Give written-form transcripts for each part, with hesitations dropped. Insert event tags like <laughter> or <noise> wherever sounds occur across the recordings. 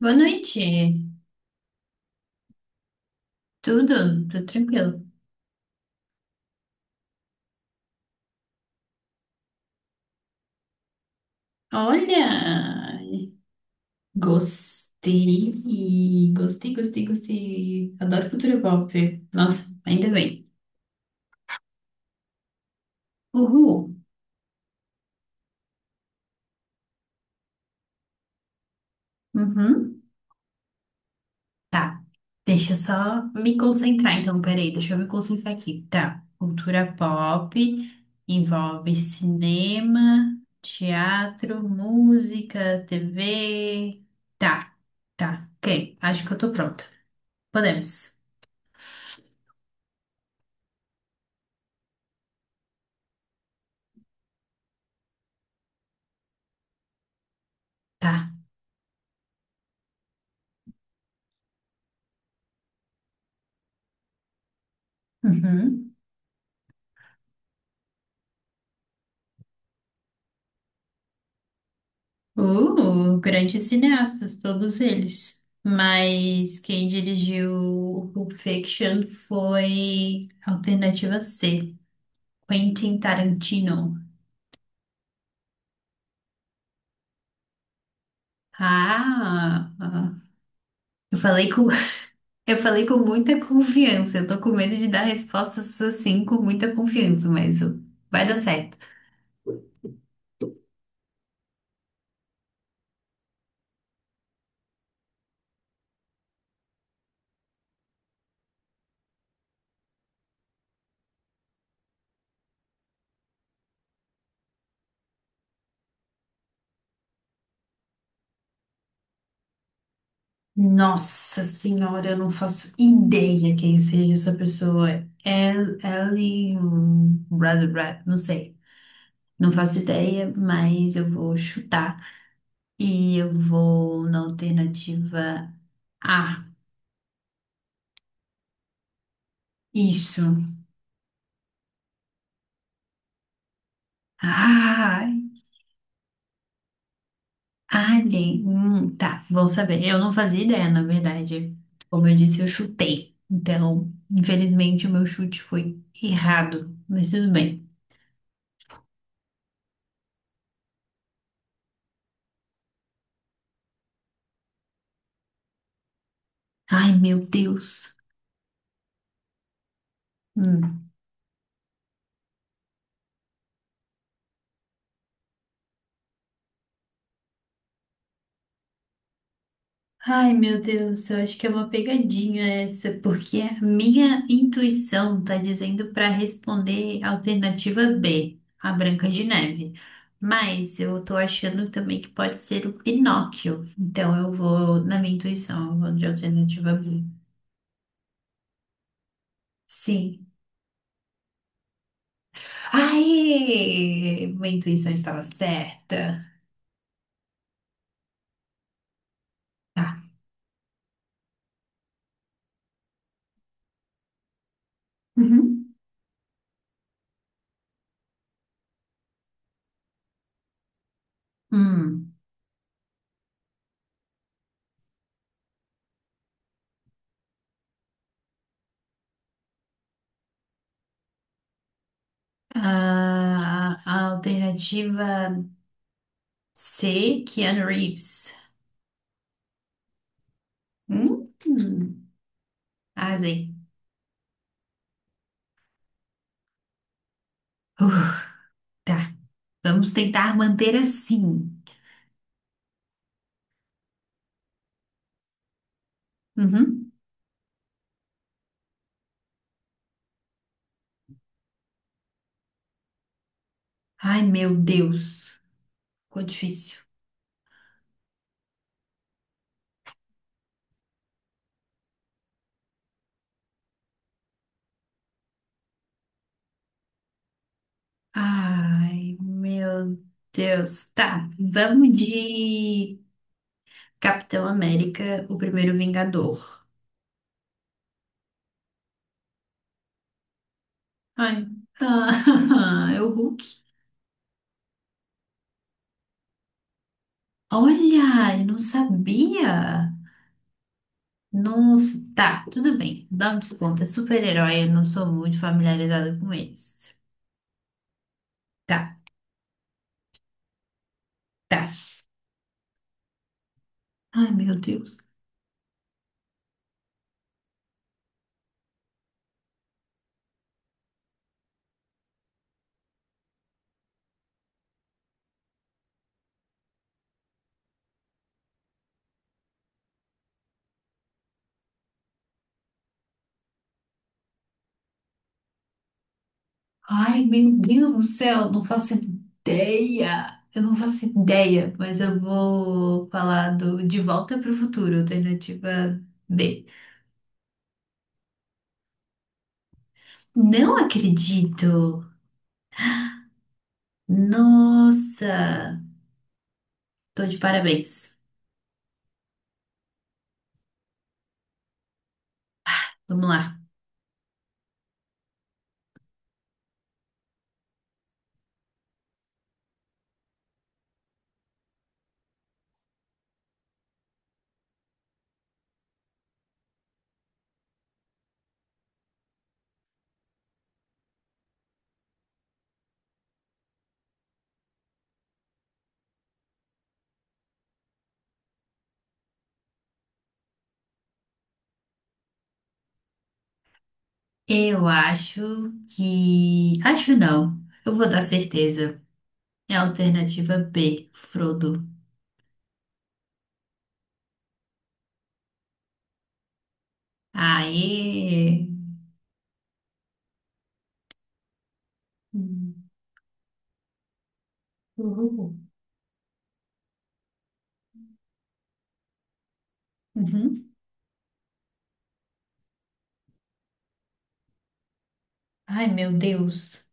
Boa noite. Tudo? Tudo tranquilo. Olha, gostei, gostei, gostei, gostei. Adoro cultura pop. Nossa, ainda bem. Uhul. Uhum. Tá. Deixa eu só me concentrar, então. Peraí, deixa eu me concentrar aqui. Tá. Cultura pop envolve cinema, teatro, música, TV. Tá, tá. Ok. Acho que eu tô pronta. Podemos. Tá. Uhum. Grandes cineastas, todos eles. Mas quem dirigiu Pulp Fiction foi Alternativa C, Quentin Tarantino. Ah, ah. eu falei com, <laughs> eu falei com muita confiança. Eu tô com medo de dar respostas assim com muita confiança, mas vai dar certo. Nossa senhora, eu não faço ideia quem seja essa pessoa. É Ellen Brasilbrad, não sei. Não faço ideia, mas eu vou chutar. E eu vou na alternativa A. Isso. Ah, alien. Tá, vão saber. Eu não fazia ideia, na verdade. Como eu disse, eu chutei. Então, infelizmente, o meu chute foi errado. Mas tudo bem. Ai, meu Deus. Hum. Ai, meu Deus, eu acho que é uma pegadinha essa, porque a minha intuição tá dizendo para responder a alternativa B, a Branca de Neve. Mas eu tô achando também que pode ser o Pinóquio. Então eu vou na minha intuição, eu vou de alternativa B. Sim. Ai, minha intuição estava certa. Tá. Uhum. Hum. Ah, a alternativa C, Keanu Reeves. Hum. Arrasei. Uf, tá. Vamos tentar manter assim. Uhum. Ai, meu Deus. Ficou difícil. Ai, meu Deus. Tá. Vamos de Capitão América, o primeiro Vingador. Ai. Ah, <laughs> é o Hulk. Olha, eu não sabia. Nossa, tá, tudo bem. Dá um desconto. É super-herói, eu não sou muito familiarizada com eles. Tá, tá. Ai, meu Deus. Ai, meu Deus do céu, não faço ideia. Eu não faço ideia, mas eu vou falar do De Volta para o Futuro, alternativa B. Não acredito. Nossa, tô de parabéns. Vamos lá. Eu acho que. Acho não. Eu vou dar certeza. É a alternativa B, Frodo. Aê! Uhul. Uhum. Ai, meu Deus.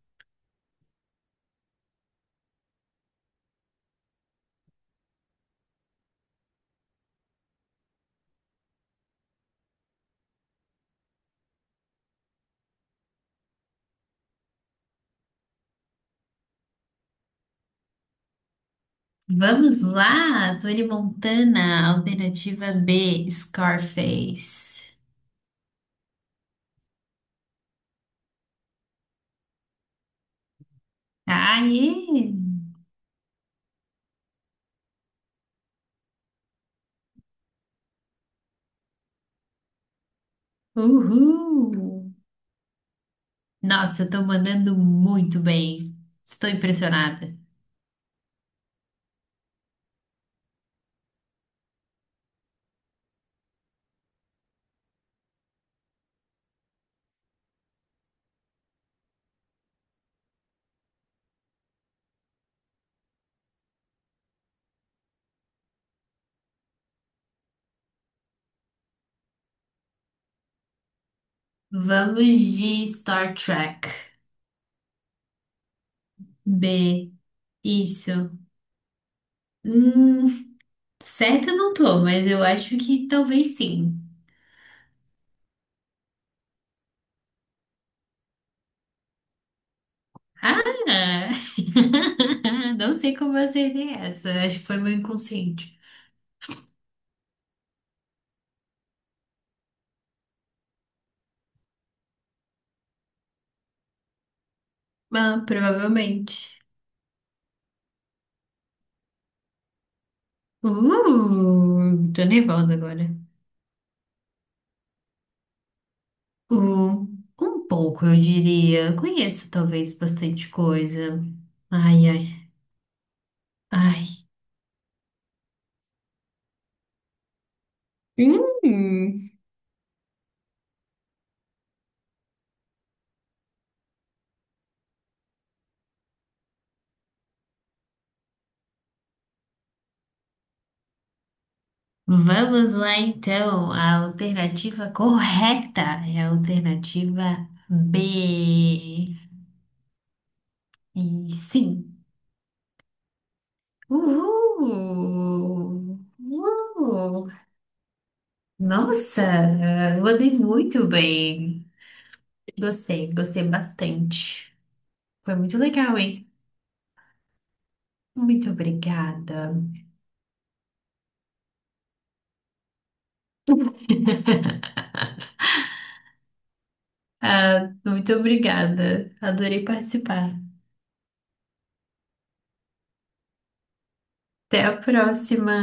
Vamos lá, Tony Montana, alternativa B, Scarface. Aê! Uhul! Nossa, eu tô mandando muito bem. Estou impressionada. Vamos de Star Trek. B, isso. Hum, certa eu não tô, mas eu acho que talvez sim. Ah! <laughs> Não sei como eu acertei essa. Acho que foi meu inconsciente. Ah, provavelmente. Tô nervosa agora. Uh, um pouco, eu diria. Conheço talvez bastante coisa. Ai, ai, ai. Hum, vamos lá então. A alternativa correta é a alternativa B. E sim. Uhul! Uhul! Nossa, eu andei muito bem. Gostei, gostei bastante. Foi muito legal, hein? Muito obrigada. <laughs> Muito obrigada. Adorei participar. Até a próxima.